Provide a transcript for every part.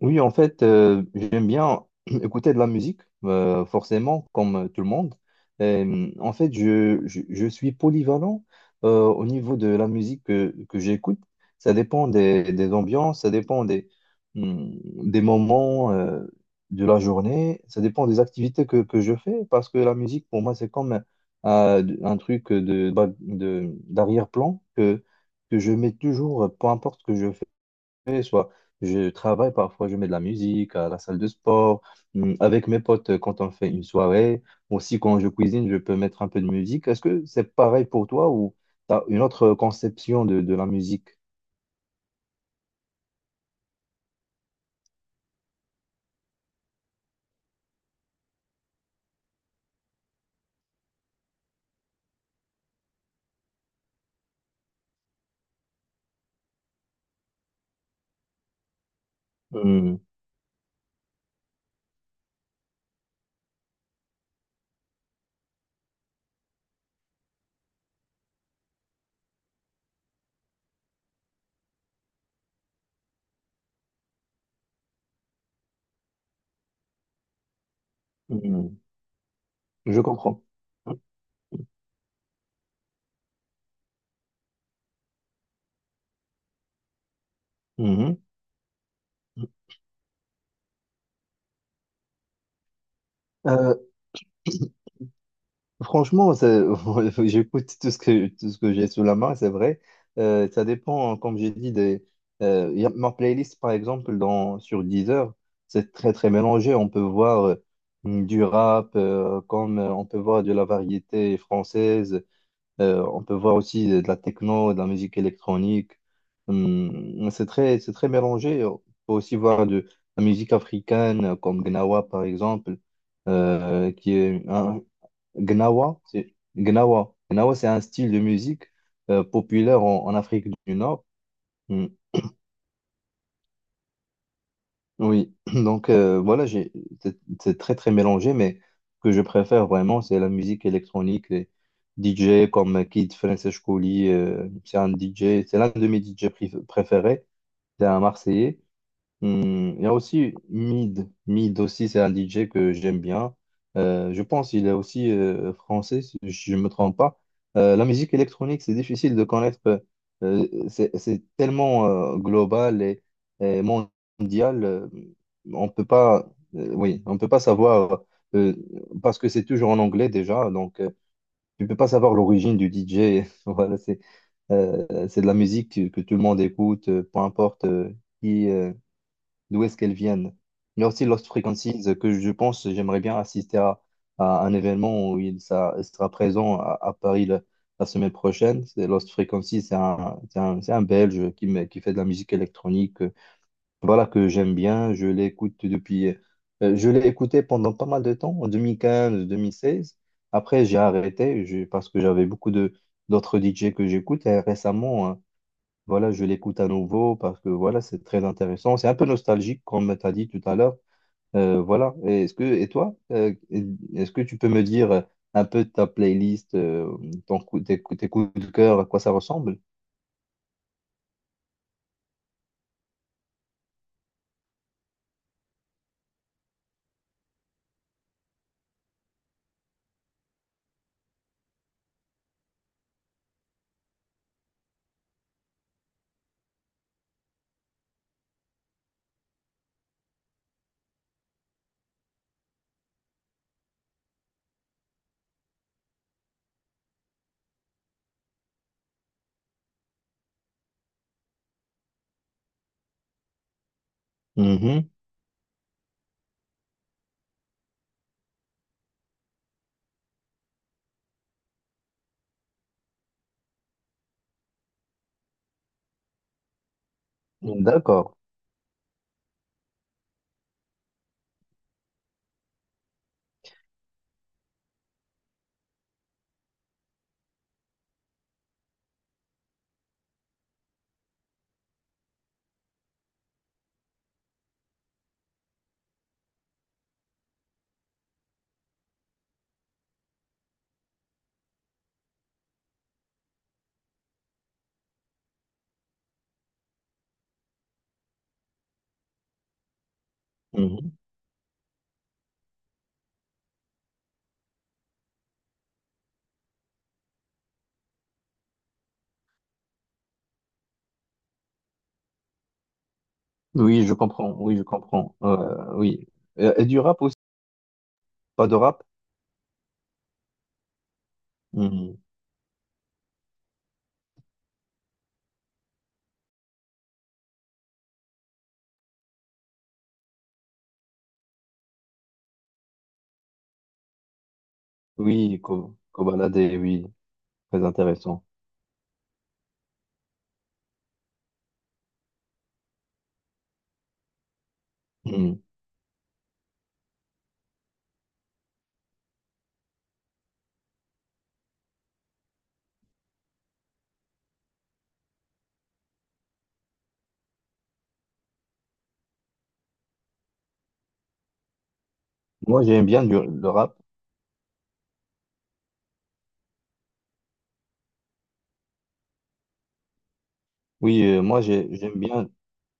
Oui, en fait, j'aime bien écouter de la musique, forcément, comme tout le monde. En fait, je suis polyvalent au niveau de la musique que j'écoute. Ça dépend des ambiances, ça dépend des moments de la journée, ça dépend des activités que je fais, parce que la musique, pour moi, c'est comme un truc de, de, d'arrière-plan que je mets toujours, peu importe ce que je fais, soit je travaille, parfois je mets de la musique à la salle de sport, avec mes potes quand on fait une soirée, aussi quand je cuisine, je peux mettre un peu de musique. Est-ce que c'est pareil pour toi ou tu as une autre conception de la musique? Hum. Hum. Je comprends. Mhm. Euh, Franchement, j'écoute tout ce que j'ai sous la main, c'est vrai. Ça dépend, hein, comme j'ai dit, des, ma playlist, par exemple, sur Deezer, c'est très, très mélangé. On peut voir du rap, comme on peut voir de la variété française, on peut voir aussi de la techno, de la musique électronique. C'est très mélangé. On peut aussi voir de la musique africaine, comme Gnawa, par exemple euh, qui est un, Gnawa, c'est Gnawa. Gnawa, c'est un style de musique populaire en Afrique du Nord. Mm. Oui, donc voilà, j'ai, c'est c'est très très mélangé, mais ce que je préfère vraiment, c'est la musique électronique, les DJ comme Kid Francis Couli, c'est un DJ, c'est l'un de mes DJ préférés, c'est un Marseillais. Hmm, il y a aussi Mid. Mid aussi, c'est un DJ que j'aime bien. Je pense qu'il est aussi français, si je ne me trompe pas. La musique électronique, c'est difficile de connaître. C'est tellement global et mondial. On peut pas, oui, on peut pas savoir, euh, parce que c'est toujours en anglais déjà, donc tu peux pas savoir l'origine du DJ. Voilà, c'est de la musique que tout le monde écoute, peu importe qui. D'où est-ce qu'elles viennent. Il y a aussi Lost Frequencies que je pense, j'aimerais bien assister à un événement où il sera présent à Paris la semaine prochaine. C'est Lost Frequencies, c'est un Belge qui fait de la musique électronique. Voilà que j'aime bien, je l'ai écouté pendant pas mal de temps, en 2015, 2016. Après, j'ai arrêté parce que j'avais beaucoup de d'autres DJ que j'écoute. Et récemment, voilà, je l'écoute à nouveau parce que voilà, c'est très intéressant. C'est un peu nostalgique, comme tu as dit tout à l'heure. Et toi, est-ce que tu peux me dire un peu ta playlist, ton coup, tes coups de cœur, à quoi ça ressemble? Mhm. D'accord. Mhm. Oui, je comprends. Oui, je comprends. Oui. Et du rap aussi? Pas de rap? Mhm. Oui, Kobalade, oui, très intéressant. Mhm. Moi, j'aime bien le rap. Oui,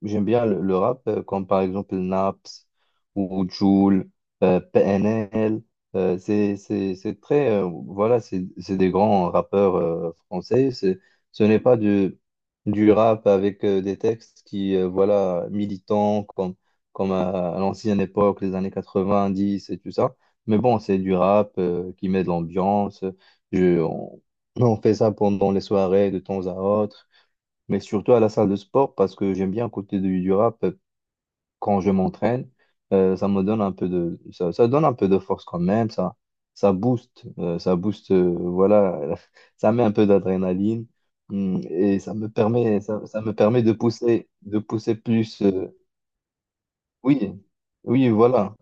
j'aime bien le rap comme par exemple Naps ou Jul, PNL, c'est très voilà, c'est des grands rappeurs français, c'est ce n'est pas du rap avec des textes qui voilà militants comme à l'ancienne époque, les années 90 et tout ça. Mais bon, c'est du rap qui met de l'ambiance. Je- on, on fait ça pendant les soirées de temps à autre mais surtout à la salle de sport parce que j'aime bien côté du rap quand je m'entraîne ça donne un peu de force quand même ça booste voilà ça met un peu d'adrénaline et ça me permet ça me permet de pousser plus. Oui, oui, voilà.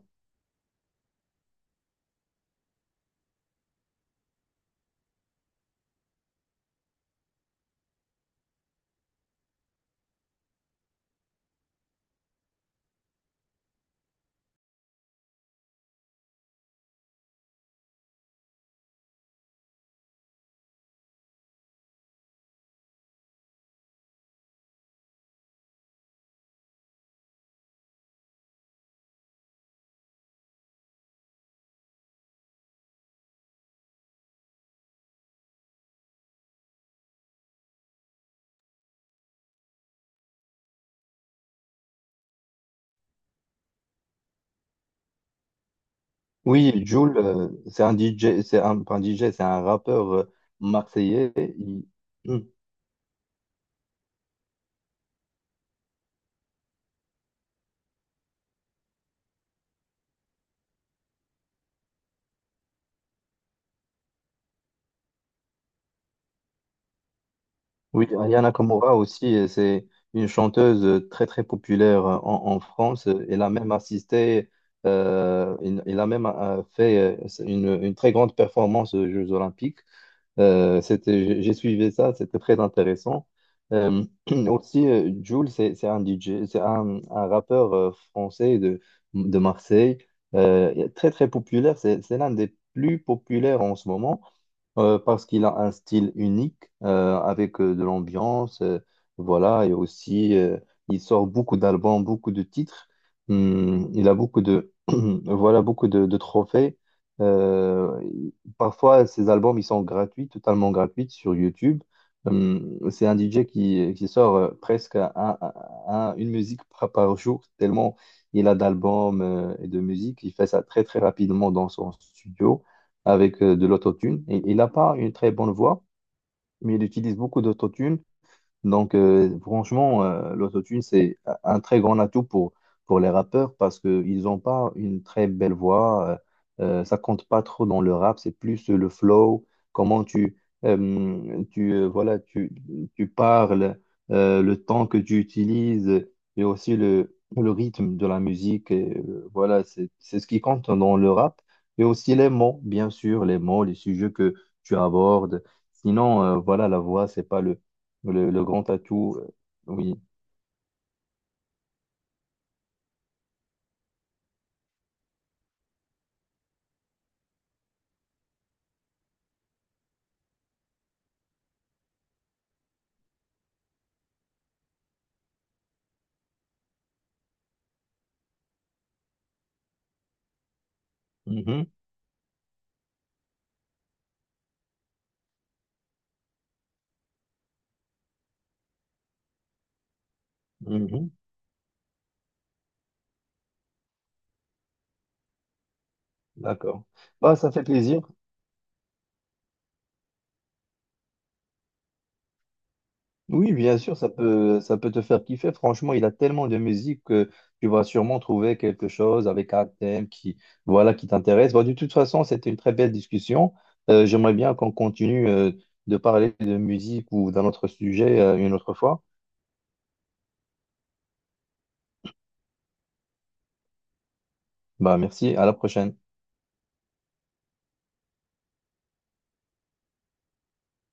Oui, Jul, c'est un DJ, c'est un pas un DJ, c'est un rappeur marseillais. Il- hum, Oui, Aya Nakamura aussi, c'est une chanteuse très très populaire en France. Elle a même assisté, elle a même fait une très grande performance aux Jeux Olympiques. C'était, j'ai suivi ça, c'était très intéressant. Euh, Aussi, Jul, c'est un DJ, un rappeur français de Marseille. Très très populaire. C'est l'un des plus populaires en ce moment. Parce qu'il a un style unique avec de l'ambiance, voilà, et aussi il sort beaucoup d'albums, beaucoup de titres. Il a beaucoup de voilà, beaucoup de trophées. Euh, parfois, ses albums ils sont gratuits, totalement gratuits sur YouTube. C'est un DJ qui sort presque une musique par jour, tellement il a d'albums et de musique. Il fait ça très très rapidement dans son studio avec de l'autotune. Et, il n'a pas une très bonne voix, mais il utilise beaucoup d'autotune donc, franchement, l'autotune, c'est un très grand atout pour les rappeurs parce qu'ils n'ont pas une très belle voix. Ça compte pas trop dans le rap, c'est plus le flow, comment tu, tu, voilà, tu parles, le temps que tu utilises et aussi le rythme de la musique. Et, voilà, c'est ce qui compte dans le rap. Et aussi les mots, bien sûr, les mots, les sujets que tu abordes. Sinon, voilà, la voix, c'est pas le grand atout, oui. Mhm, mhm, d'accord. Bah, ça fait plaisir. Oui, bien sûr, ça peut te faire kiffer. Franchement, il a tellement de musique que tu vas sûrement trouver quelque chose avec un thème qui, voilà, qui t'intéresse. Bah, de toute façon, c'était une très belle discussion. J'aimerais bien qu'on continue, de parler de musique ou d'un autre sujet, une autre fois. Bah, merci, à la prochaine.